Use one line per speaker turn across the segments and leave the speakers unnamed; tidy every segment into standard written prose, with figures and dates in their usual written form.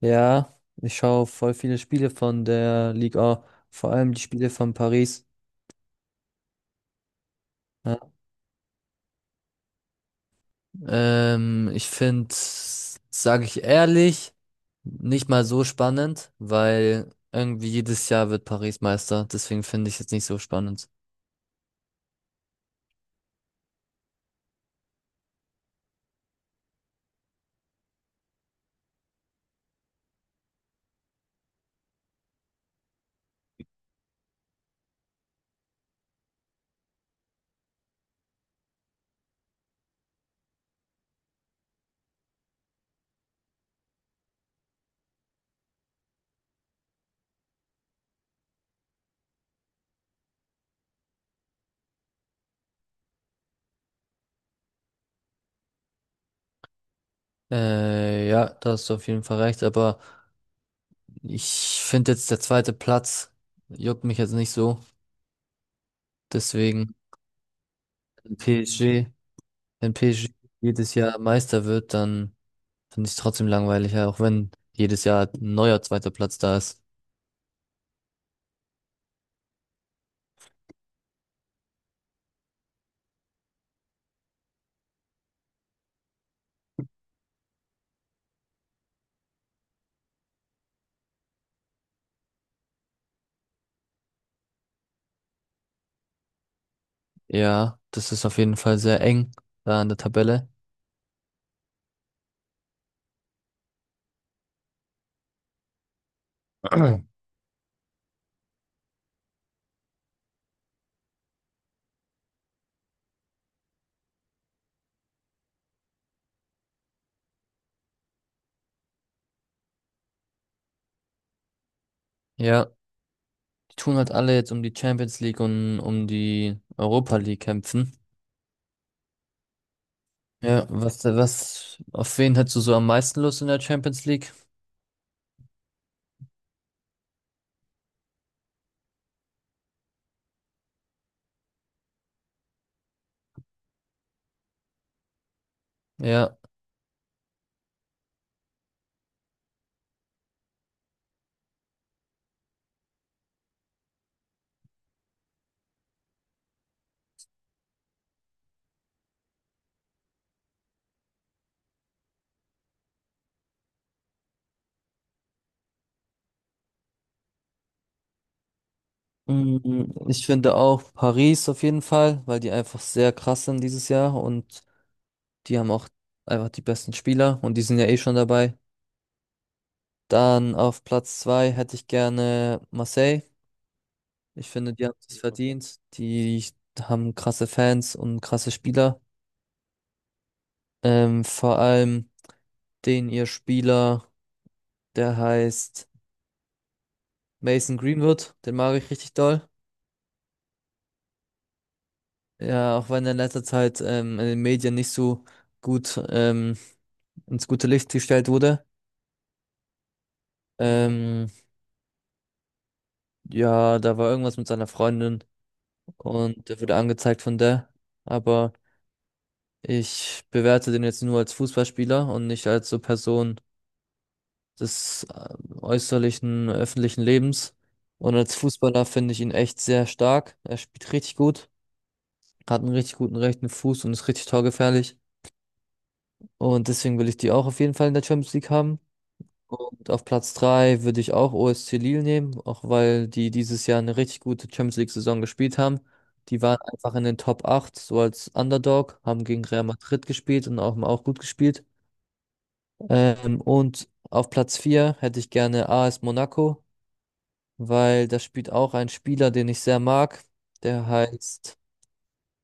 Ja, ich schaue voll viele Spiele von der Liga, vor allem die Spiele von Paris. Ja. Ich finde, sage ich ehrlich, nicht mal so spannend, weil irgendwie jedes Jahr wird Paris Meister. Deswegen finde ich jetzt nicht so spannend. Ja, da hast du auf jeden Fall recht, aber ich finde jetzt der zweite Platz juckt mich jetzt nicht so. Deswegen, wenn PSG, wenn PSG jedes Jahr Meister wird, dann finde ich trotzdem langweilig, ja, auch wenn jedes Jahr ein neuer zweiter Platz da ist. Ja, das ist auf jeden Fall sehr eng da an der Tabelle. Ja, die tun halt alle jetzt um die Champions League und um die Europa League kämpfen. Ja, auf wen hättest du so am meisten Lust in der Champions League? Ja, ich finde auch Paris auf jeden Fall, weil die einfach sehr krass sind dieses Jahr und die haben auch einfach die besten Spieler und die sind ja eh schon dabei. Dann auf Platz zwei hätte ich gerne Marseille. Ich finde, die haben es verdient. Die haben krasse Fans und krasse Spieler. Vor allem den ihr Spieler, der heißt Mason Greenwood, den mag ich richtig doll. Ja, auch wenn er in letzter Zeit in den Medien nicht so gut ins gute Licht gestellt wurde. Ähm, ja, da war irgendwas mit seiner Freundin und der wurde angezeigt von der. Aber ich bewerte den jetzt nur als Fußballspieler und nicht als so Person, des äußerlichen öffentlichen Lebens. Und als Fußballer finde ich ihn echt sehr stark. Er spielt richtig gut, hat einen richtig guten rechten Fuß und ist richtig torgefährlich. Und deswegen will ich die auch auf jeden Fall in der Champions League haben. Und auf Platz 3 würde ich auch OSC Lille nehmen, auch weil die dieses Jahr eine richtig gute Champions League-Saison gespielt haben. Die waren einfach in den Top 8, so als Underdog, haben gegen Real Madrid gespielt und auch gut gespielt. Und auf Platz 4 hätte ich gerne AS Monaco, weil da spielt auch ein Spieler, den ich sehr mag. Der, Mhm, heißt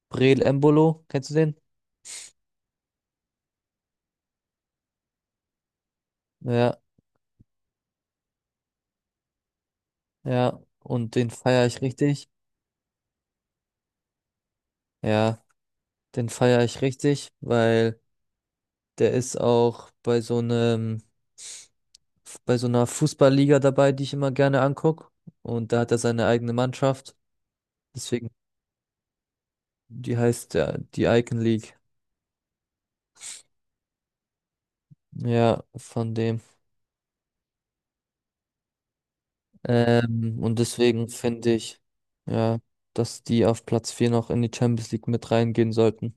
Breel Embolo. Kennst du den? Ja, ja. Und den feiere ich richtig. Ja, den feiere ich richtig, weil der ist auch bei so einer Fußballliga dabei, die ich immer gerne angucke. Und da hat er seine eigene Mannschaft. Deswegen, die heißt ja die Icon League. Ja, von dem. Und deswegen finde ich, ja, dass die auf Platz 4 noch in die Champions League mit reingehen sollten.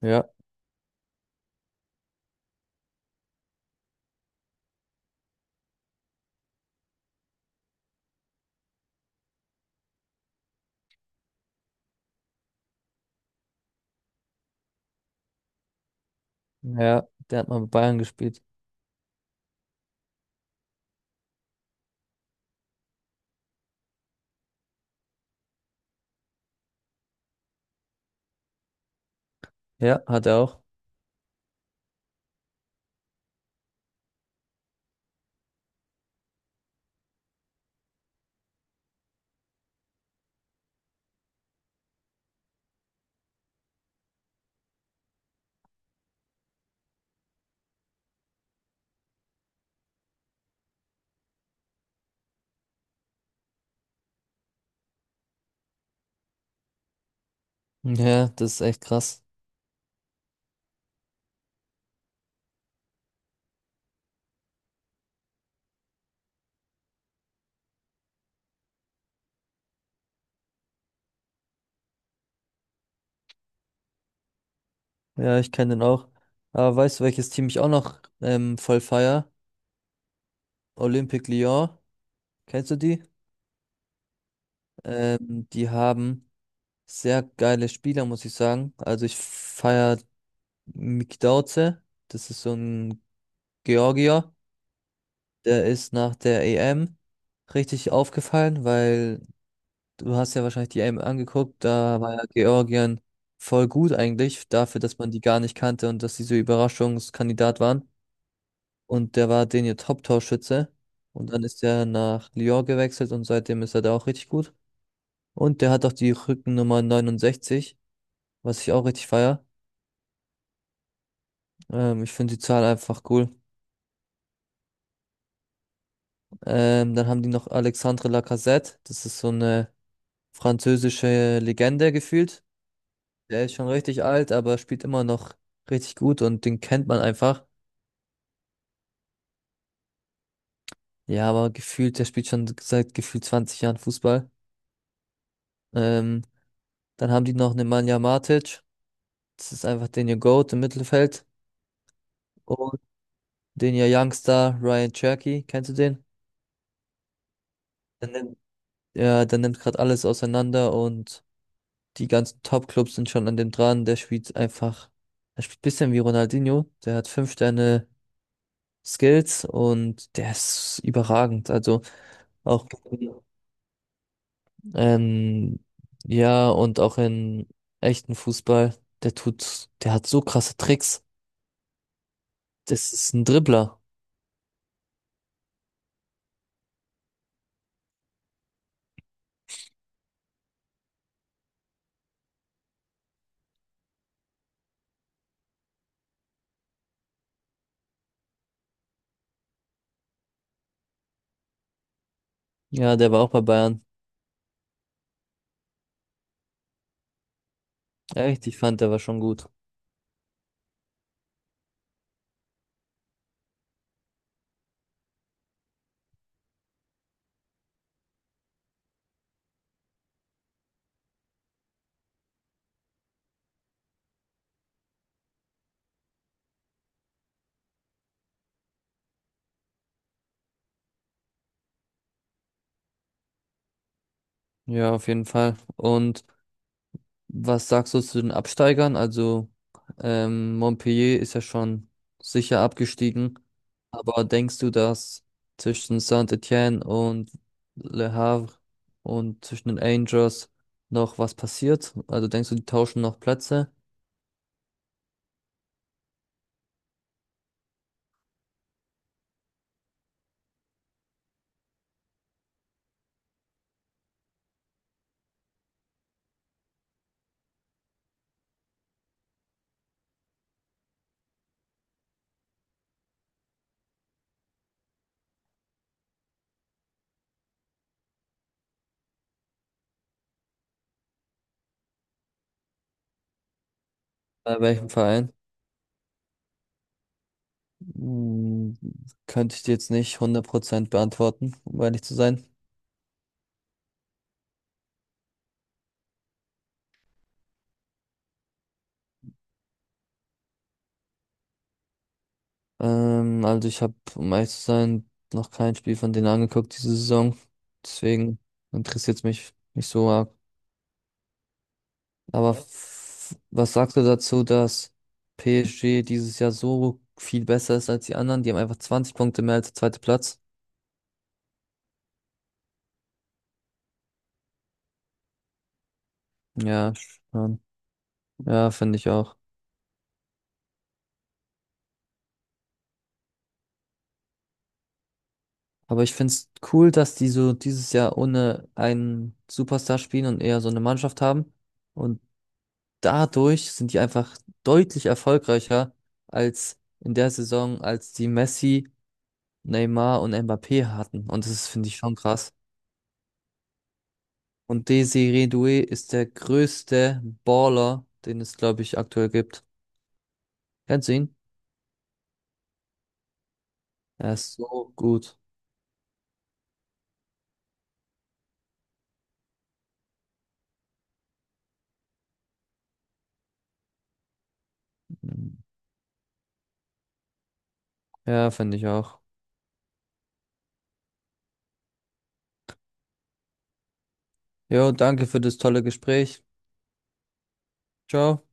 Ja, ja, der hat mal bei Bayern gespielt. Ja, hat er auch. Ja, das ist echt krass. Ja, ich kenne den auch. Aber weißt du, welches Team ich auch noch voll feier? Olympique Lyon. Kennst du die? Die haben sehr geile Spieler, muss ich sagen. Also ich feier Mick Dauze. Das ist so ein Georgier. Der ist nach der EM richtig aufgefallen, weil du hast ja wahrscheinlich die EM angeguckt, da war ja Georgien voll gut eigentlich, dafür, dass man die gar nicht kannte und dass sie so Überraschungskandidat waren. Und der war den ihr Top-Torschütze. Und dann ist er nach Lyon gewechselt und seitdem ist er da auch richtig gut. Und der hat auch die Rückennummer 69, was ich auch richtig feier. Ich finde die Zahl einfach cool. Dann haben die noch Alexandre Lacazette, das ist so eine französische Legende gefühlt. Der ist schon richtig alt, aber spielt immer noch richtig gut und den kennt man einfach. Ja, aber gefühlt, der spielt schon seit gefühlt 20 Jahren Fußball. Ähm, dann haben die noch Nemanja Matic. Das ist einfach den ihr Goat im Mittelfeld. Und den ihr Youngster Ryan Cherky. Kennst du den? Der nimmt, ja, der nimmt gerade alles auseinander und die ganzen Top-Clubs sind schon an dem dran. Er spielt ein bisschen wie Ronaldinho. Der hat fünf Sterne Skills und der ist überragend. Also auch. Ähm, ja, und auch in echten Fußball, der hat so krasse Tricks. Das ist ein Dribbler. Ja, der war auch bei Bayern. Echt, ich fand, der war schon gut. Ja, auf jeden Fall. Und was sagst du zu den Absteigern? Also, Montpellier ist ja schon sicher abgestiegen. Aber denkst du, dass zwischen Saint-Étienne und Le Havre und zwischen den Angels noch was passiert? Also denkst du, die tauschen noch Plätze? Bei welchem Verein? Hm, Könnte ich dir jetzt nicht 100% beantworten, um ehrlich zu sein. Also ich habe, um ehrlich zu sein, noch kein Spiel von denen angeguckt diese Saison. Deswegen interessiert es mich nicht so arg. Aber was sagst du dazu, dass PSG dieses Jahr so viel besser ist als die anderen? Die haben einfach 20 Punkte mehr als der zweite Platz. Ja, schon. Ja, finde ich auch. Aber ich finde es cool, dass die so dieses Jahr ohne einen Superstar spielen und eher so eine Mannschaft haben. Und dadurch sind die einfach deutlich erfolgreicher als in der Saison, als die Messi, Neymar und Mbappé hatten. Und das finde ich schon krass. Und Desiree Doué ist der größte Baller, den es, glaube ich, aktuell gibt. Kennst du ihn? Er ist so gut. Ja, finde ich auch. Jo, danke für das tolle Gespräch. Ciao.